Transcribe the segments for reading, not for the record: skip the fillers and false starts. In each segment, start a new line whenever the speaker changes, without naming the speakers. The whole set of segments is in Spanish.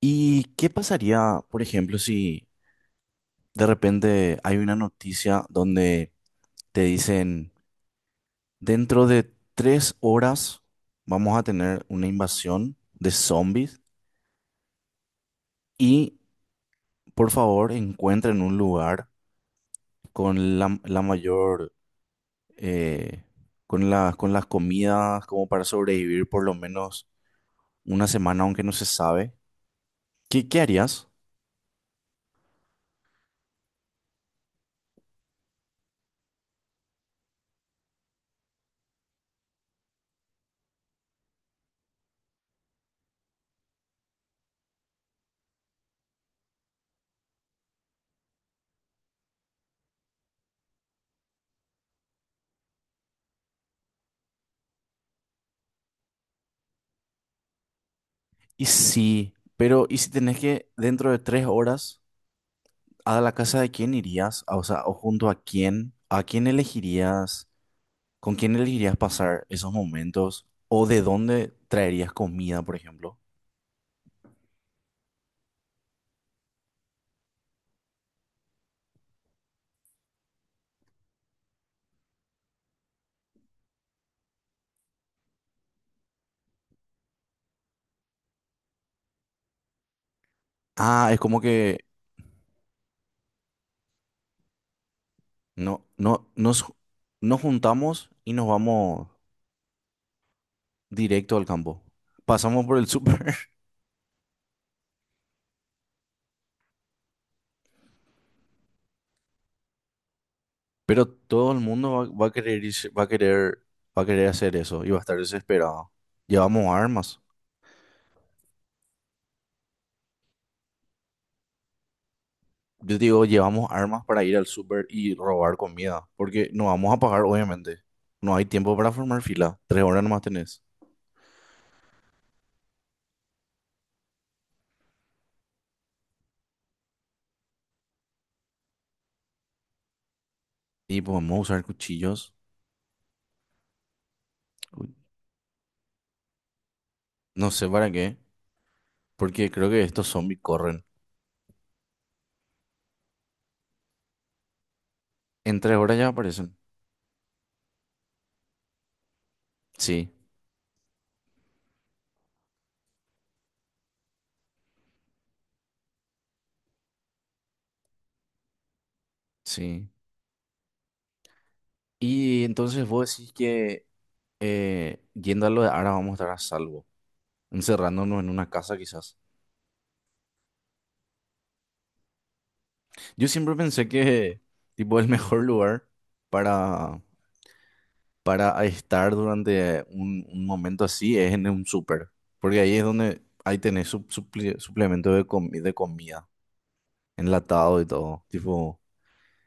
¿Y qué pasaría, por ejemplo, si de repente hay una noticia donde te dicen, dentro de 3 horas vamos a tener una invasión de zombies y por favor encuentren un lugar con la mayor, eh, con las comidas como para sobrevivir por lo menos 1 semana, aunque no se sabe? ¿Qué harías? Y sí, pero ¿y si tenés que dentro de 3 horas? ¿A la casa de quién irías? Ah, o sea, o junto ¿a quién elegirías? ¿Con quién elegirías pasar esos momentos? ¿O de dónde traerías comida, por ejemplo? Ah, es como que no, no, nos, nos juntamos y nos vamos directo al campo. Pasamos por el súper. Pero todo el mundo va a querer, va a querer, va a querer hacer eso y va a estar desesperado. Llevamos armas. Yo digo, llevamos armas para ir al súper y robar comida, porque no vamos a pagar, obviamente. No hay tiempo para formar fila. 3 horas nomás tenés. Y podemos usar cuchillos. Uy, no sé para qué, porque creo que estos zombies corren. En 3 horas ya aparecen. Sí, sí. Y entonces vos decís que yendo a lo de ahora vamos a estar a salvo, encerrándonos en una casa quizás. Yo siempre pensé que, tipo, el mejor lugar para, para estar durante un momento así es en un súper, porque ahí es donde ahí tenés suplemento de comida, enlatado y todo. Tipo,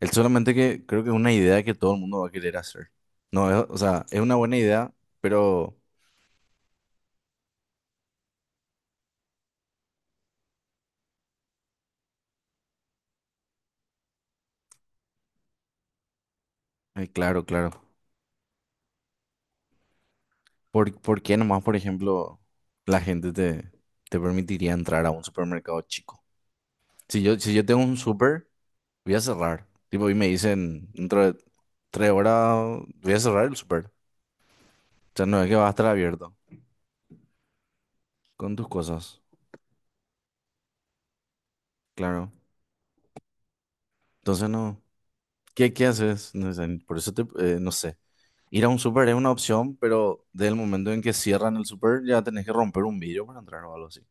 es solamente que creo que es una idea que todo el mundo va a querer hacer. No, es- o sea, es una buena idea, pero claro, claro. ¿Por qué nomás, por ejemplo, la gente te permitiría entrar a un supermercado chico? Si yo, si yo tengo un súper. Voy a cerrar. Tipo, y me dicen, dentro de 3 horas voy a cerrar el súper. O sea, no es que va a estar abierto con tus cosas. Claro. Entonces, no. ¿Qué haces? No sé, por eso te, no sé. Ir a un súper es una opción, pero desde el momento en que cierran el súper ya tenés que romper un vidrio para entrar o algo así.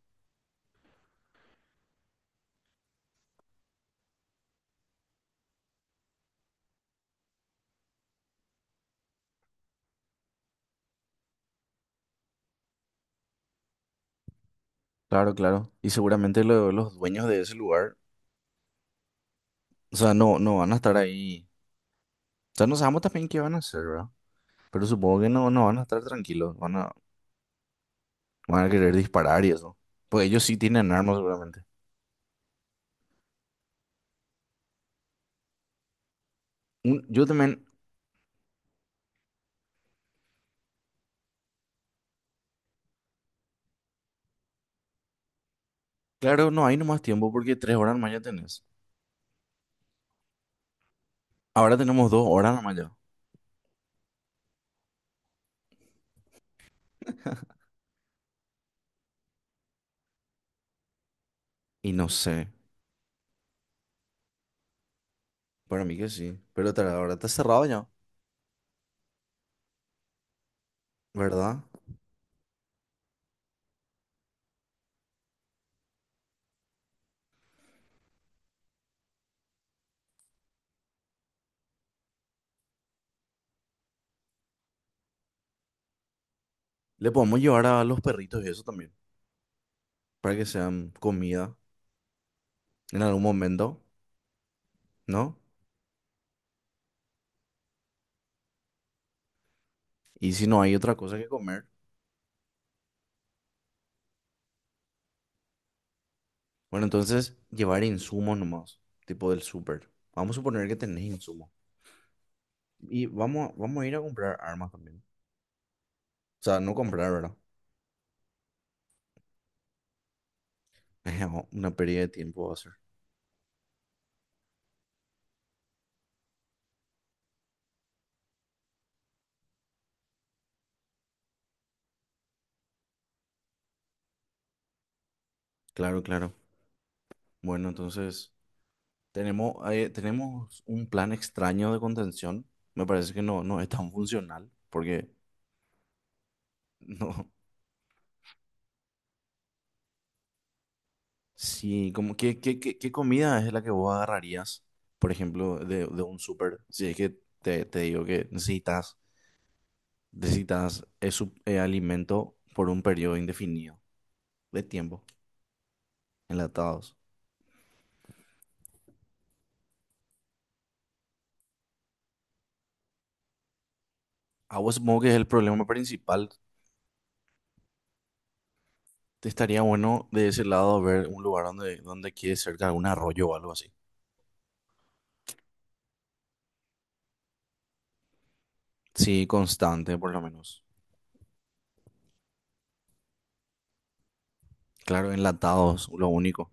Claro, claro. Y seguramente los dueños de ese lugar, o sea, no van a estar ahí. O sea, no sabemos también qué van a hacer, ¿verdad? Pero supongo que no, no van a estar tranquilos. Van a querer disparar y eso. Pues ellos sí tienen armas seguramente. Yo también, claro, no hay nomás tiempo porque 3 horas nomás ya tenés. Ahora tenemos 2 horas nomás ya. Y no sé, para mí que sí. Pero ahora está cerrado ya, ¿verdad? Le podemos llevar a los perritos y eso también, para que sean comida en algún momento, ¿no? Y si no hay otra cosa que comer, bueno, entonces llevar insumos nomás, tipo del súper. Vamos a suponer que tenés insumos. Y vamos a ir a comprar armas también. O sea, no comprar, ¿verdad? Una pérdida de tiempo va a ser. Claro, claro. Bueno, entonces tenemos, tenemos un plan extraño de contención. Me parece que no, no es tan funcional porque no. Sí, como qué comida es la que vos agarrarías, por ejemplo, de un súper. Si es que te digo que necesitas, necesitas ese alimento por un periodo indefinido de tiempo, enlatados. Agua supongo que es el problema principal. Te estaría bueno de ese lado ver un lugar donde, donde quede cerca de un arroyo o algo así. Sí, constante, por lo menos. Claro, enlatados, lo único.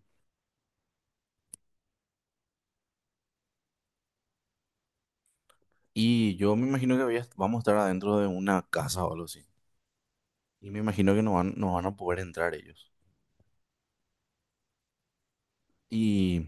Y yo me imagino que vamos a estar adentro de una casa o algo así. Y me imagino que no van a poder entrar ellos. Y,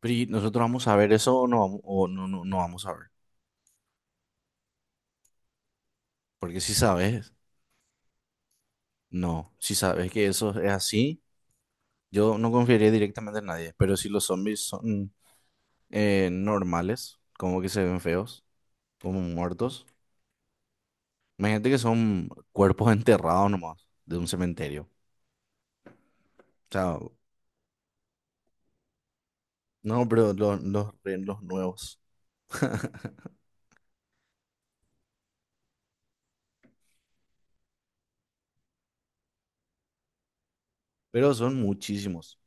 pero ¿y nosotros vamos a ver eso o no vamos, o no, no, no vamos a ver? Porque si sabes, no. Si sabes que eso es así, yo no confiaría directamente en nadie. Pero si los zombies son normales, como que se ven feos, como muertos. Imagínate que son cuerpos enterrados nomás de un cementerio. O sea, no, pero los nuevos. Pero son muchísimos.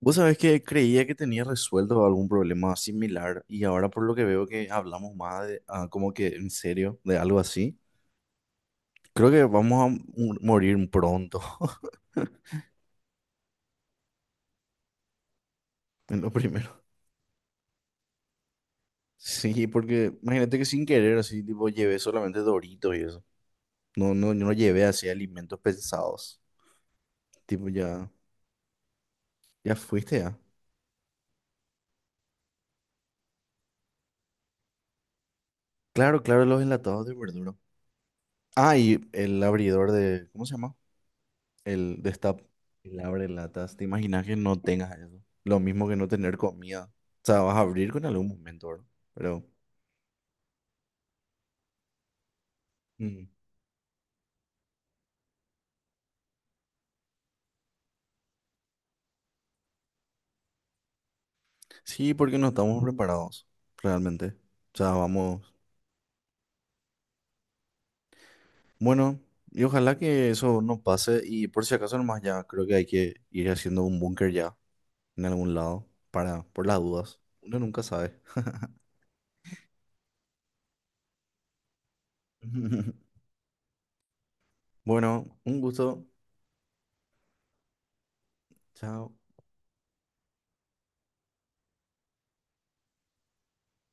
Vos sabés que creía que tenía resuelto algún problema similar y ahora por lo que veo que hablamos más de, ah, como que en serio de algo así, creo que vamos a morir pronto, en lo primero. Sí, porque imagínate que sin querer así, tipo, llevé solamente Doritos y eso. No llevé así alimentos pensados. Tipo, ya, ya fuiste ya. Claro, claro, los enlatados de verdura. Ah, y el abridor de, ¿cómo se llama? El destap, el abre latas. ¿Te imaginas que no tengas eso? Lo mismo que no tener comida. O sea, vas a abrir con algún momento, ¿verdad? Pero mm, sí, porque no estamos preparados, realmente. O sea, vamos. Bueno, y ojalá que eso no pase. Y por si acaso nomás ya, creo que hay que ir haciendo un búnker ya en algún lado para, por las dudas. Uno nunca sabe. Bueno, un gusto. Chao.